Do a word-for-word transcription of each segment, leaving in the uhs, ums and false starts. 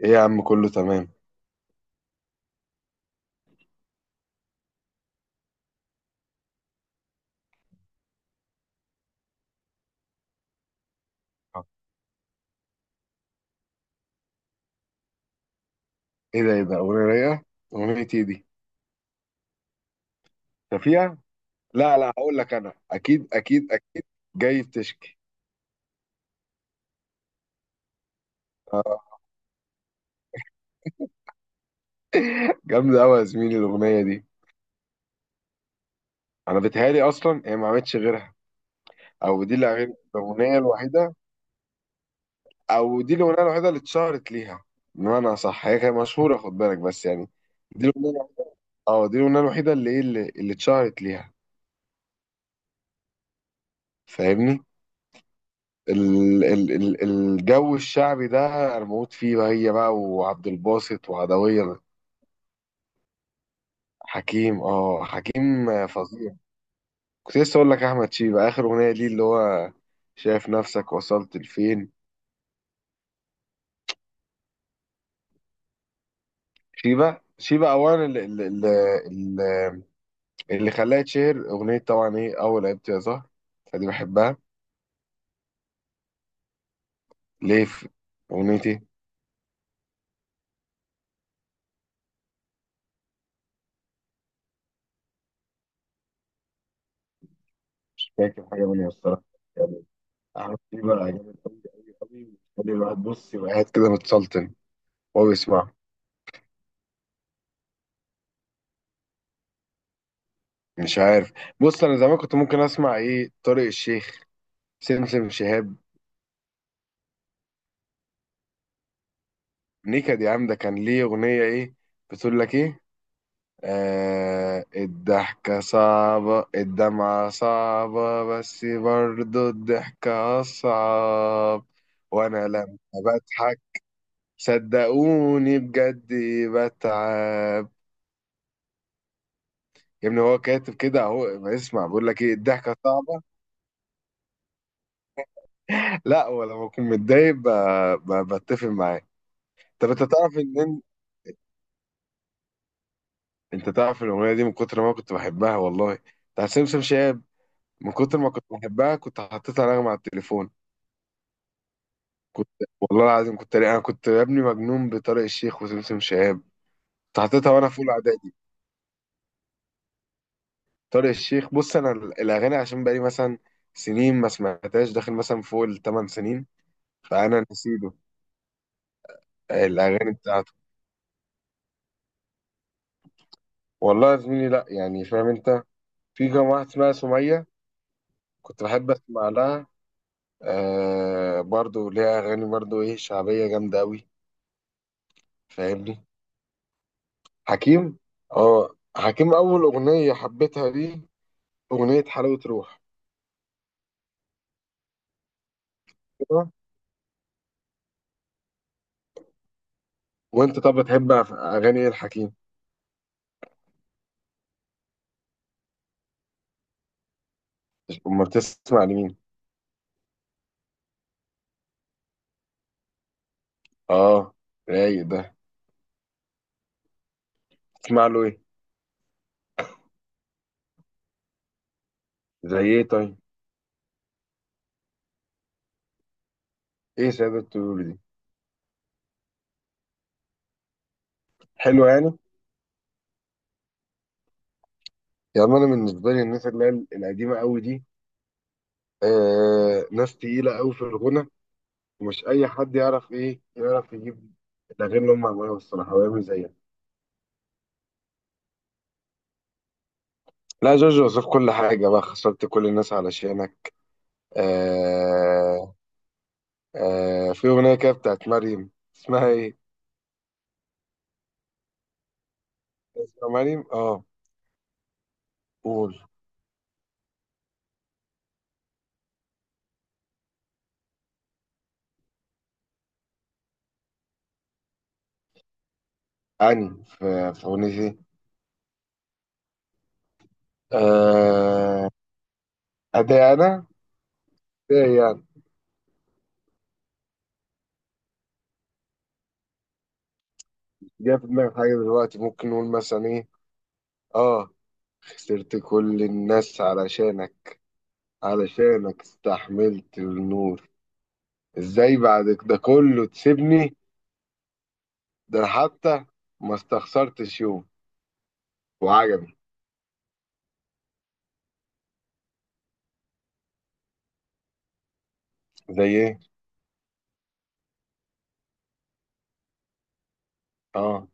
ايه يا عم، كله تمام. ايه ده ايه ده اغنيه رايقه. اغنيه ايه دي؟ شفيقة. لا لا، هقول لك انا اكيد اكيد اكيد. جاي بتشكي. آه. جامده قوي يا زميلي الاغنيه دي. انا بتهيالي اصلا هي ما عملتش غيرها. او دي الأغ- الاغنيه الوحيده. او دي الاغنيه الوحيده اللي اتشهرت ليها. بمعنى صح هي كانت مشهوره خد بالك، بس يعني دي الاغنيه. اه دي الاغنيه الوحيده اللي ايه اللي, اللي اتشهرت ليها. فاهمني. ال ال ال الجو الشعبي ده، انا بموت فيه بقى، هي بقى وعبد الباسط وعدوية. حكيم، اه حكيم فظيع. كنت لسه اقول لك احمد شيبة اخر اغنية ليه اللي هو شايف نفسك وصلت لفين. شيبة، شيبة اولا اللي, اللي, اللي خلاها تشهر اغنية طبعا ايه، اول عيبتي يا زهر، فدي بحبها. ليه في اغنيتي. مش فاكر حاجة منها الصراحة يعني. احمد شيبة عجبني قوي قوي قوي، بيخلي الواحد بص يبقى قاعد كده متسلطن وهو بيسمع. مش عارف. بص انا زمان كنت ممكن اسمع ايه، طارق الشيخ، سمسم شهاب. نكد يا عم، ده كان ليه اغنيه ايه، بتقول لك ايه، آه الضحكه صعبه الدمعه صعبه بس برضو الضحكه اصعب. وانا لما بضحك صدقوني بجد بتعب. يا ابني هو كاتب كده اهو، ما اسمع بقول لك ايه، الضحكه صعبه. لا، ولما اكون متضايق ب- ب- بتفق معاه. طب انت تعرف ان، انت تعرف الاغنيه دي من كتر ما كنت بحبها والله، بتاع سمسم شاب، من كتر ما كنت بحبها كنت حطيتها نغمه على التليفون. كنت، والله العظيم كنت، انا كنت يا ابني مجنون بطارق الشيخ وسمسم شاب. كنت حطيتها وانا في اولى اعدادي. طارق الشيخ، بص انا ال- الاغاني عشان بقالي مثلا سنين ما سمعتهاش، داخل مثلا فوق الثمان سنين، فانا نسيته الاغاني بتاعته. والله يا زميلي لا، يعني فاهم انت. في كام واحد اسمها سميه كنت بحب اسمع لها، آه برضو ليها اغاني برضو ايه شعبيه جامده قوي. فاهمني. حكيم، اه حكيم اول اغنيه حبيتها ليه اغنيه حلاوه روح. كده. وانت طب بتحب أف- اغاني ايه الحكيم؟ امال تسمع لمين؟ اه رايق ده. تسمع له ايه؟ زي ايه طيب؟ ايه ساده الطيور دي؟ حلو يعني. يعني انا بالنسبه لي الناس اللي هي القديمه قوي دي، آه ناس تقيله قوي في الغنى، ومش اي حد يعرف ايه، يعرف يجيب الاغاني اللي هم عملوها الصراحه ويعمل زيها. لا، جورج وسوف كل حاجه بقى، خسرت كل الناس علشانك. آه. آه في أغنية كده بتاعت مريم. اسمها إيه؟ اسمها مريم؟ آه. قول أني في في أغنيتي. آه. أداء أنا. أداء يعني. جاي في دماغي حاجة دلوقتي ممكن نقول مثلا إيه؟ آه. خسرت كل الناس علشانك، علشانك استحملت النور، إزاي بعد ده كله تسيبني، ده أنا حتى ما استخسرتش يوم وعجبي. زي إيه؟ آه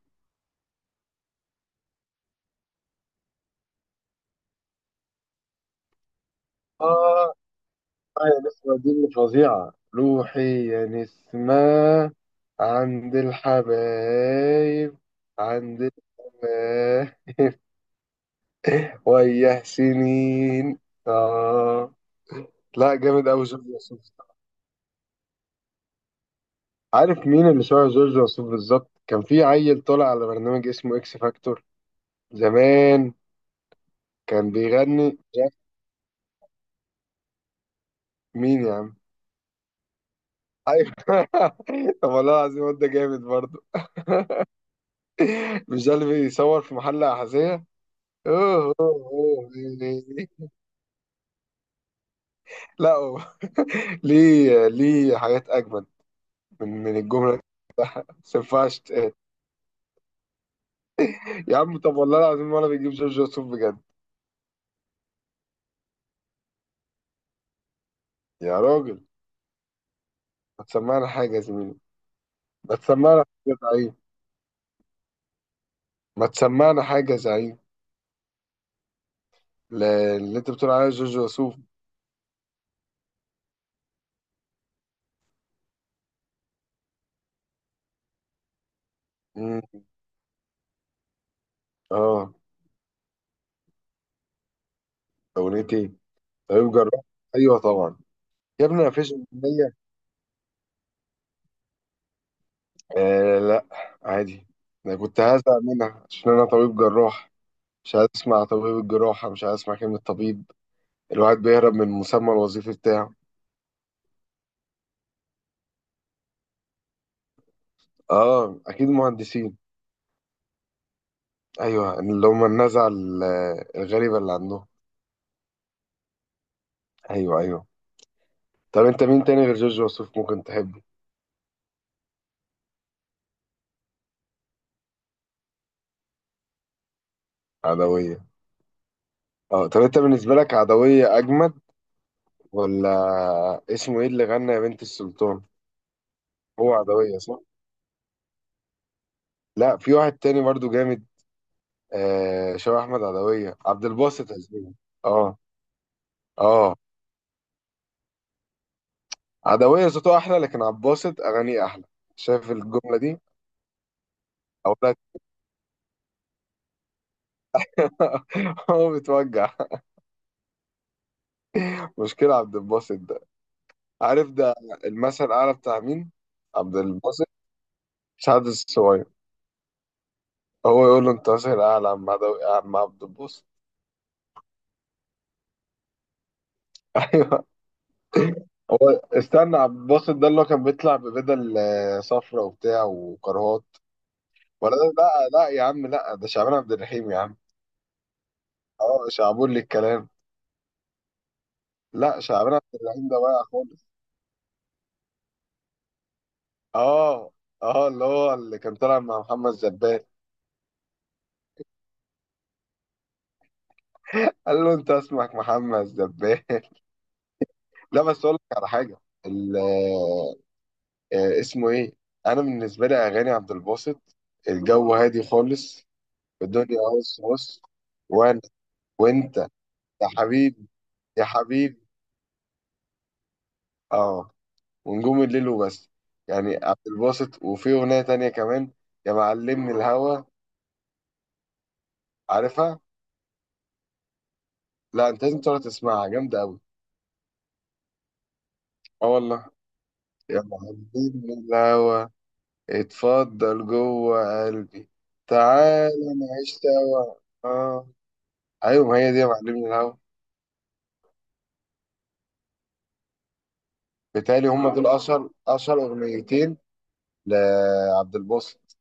آه آه يا نسمة دي اللي فظيعة، روحي يا نسمة عند الحبايب، عند الحبايب وياه سنين. آه. لا جامد أوي جورج وسوف. عارف مين اللي شبه جورج وسوف بالظبط؟ كان في عيل طالع على برنامج اسمه إكس فاكتور زمان، كان بيغني، مش عارف. مين يا عم. ايوه طب والله العظيم الواد ده جامد برضه. مش ده اللي بيصور في محل أحذية؟ اوه اوه اوه يعني. لا هو. ليه، ليه حاجات اجمد من من الجمله دي، بس ما ينفعش تتقال. يا عم طب والله العظيم ولا بيجيب جورج وسوف بجد. يا راجل. ما تسمعنا حاجه يا زميلي. ما تسمعنا حاجه يا زعيم. ما تسمعنا حاجه يا زعيم. ل- اللي انت بتقول عليها جورج وسوف. مم. اه. اغنيه ايه؟ طبيب جراح. ايوه طبعا. يا ابني ما فيش اغنيه، آه لا، عادي. انا كنت هزعل منها عشان انا طبيب جراح، مش عايز اسمع طبيب الجراحة، مش عايز اسمع كلمة طبيب. الواحد بيهرب من المسمى الوظيفي بتاعه. اه اكيد مهندسين. ايوه اللي هم النزعة ال- الغريبة اللي عندهم. ايوه ايوه. طب انت مين تاني غير جورج وسوف ممكن تحبه؟ عدوية. اه طب انت بالنسبة لك عدوية اجمد ولا؟ اسمه ايه اللي غنى يا بنت السلطان؟ هو عدوية صح؟ لا، في واحد تاني برضو جامد، آه شبه احمد عدوية، عبد الباسط عزوزي. اه. اه. عدوية صوته أحلى لكن عباسط أغانيه أحلى. شايف الجملة دي؟ أقول لك. هو بتوجع. مشكلة عبد الباسط ده، عارف ده المثل الأعلى بتاع مين؟ عبد الباسط؟ سعد الصغير. هو يقول له أنت مثل الأعلى يا عم عدوي يا عم عبد الباسط. أيوه. هو استنى عبد الباسط ده اللي هو كان بيطلع ببدل آه، صفرا وبتاع وكرهات. ولا ده؟ لا لا يا عم، لا ده شعبان عبد الرحيم يا عم. اه شعبولي الكلام. لا شعبان عبد الرحيم ده واقع خالص. اه. اه اللي هو اللي كان طالع مع محمد زبان. قال له انت اسمك محمد زبان. لا بس اقول لك على حاجه. ال- آه، اسمه ايه. انا بالنسبه لي اغاني عبد الباسط الجو هادي خالص. الدنيا بص بص. وانا. وانت. يا حبيبي. يا حبيبي. اه. ونجوم الليل وبس. يعني عبد الباسط، وفي اغنيه تانية كمان، يا معلمني الهوى. عارفها؟ لا، انت لازم تقعد تسمعها جامده قوي. اه والله. يا معلمني الهوى اتفضل جوه قلبي تعال نعيش سوا. اه. ايوه ما هي دي يا معلمي الهوا. بالتالي هم دول اشهر اشهر اغنيتين لعبد الباسط.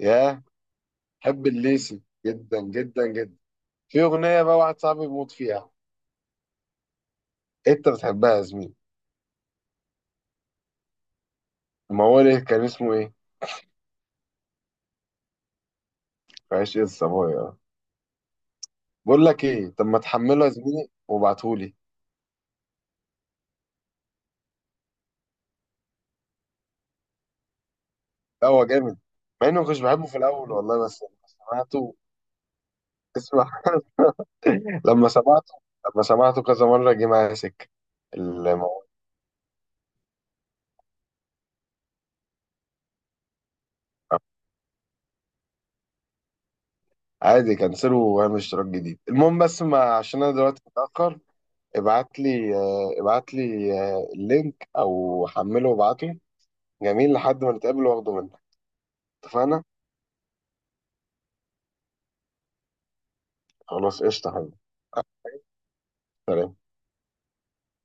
ياه. حب الليسي جدا جدا جدا. في اغنيه بقى واحد صاحبي بيموت فيها. انت بتحبها يا زميلي؟ ما هو ليه كان اسمه ايه، في عشق الصبايا. بقول لك ايه، طب ما تحمله يا زميلي وابعتهولي. لا هو جامد، مع اني ما كنتش بحبه في الاول والله بس لما سمعته. اسمع. لما سمعته لما سمعته كذا مرة جه معايا سكة الموضوع. عادي كنسله واعمل اشتراك جديد. المهم بس، ما عشان انا دلوقتي متأخر، ابعت لي آه، ابعت لي آه، اللينك او حمله وابعته. جميل، لحد ما نتقابل واخده منك. اتفقنا. خلاص قشطة يا حبيبي. سلام.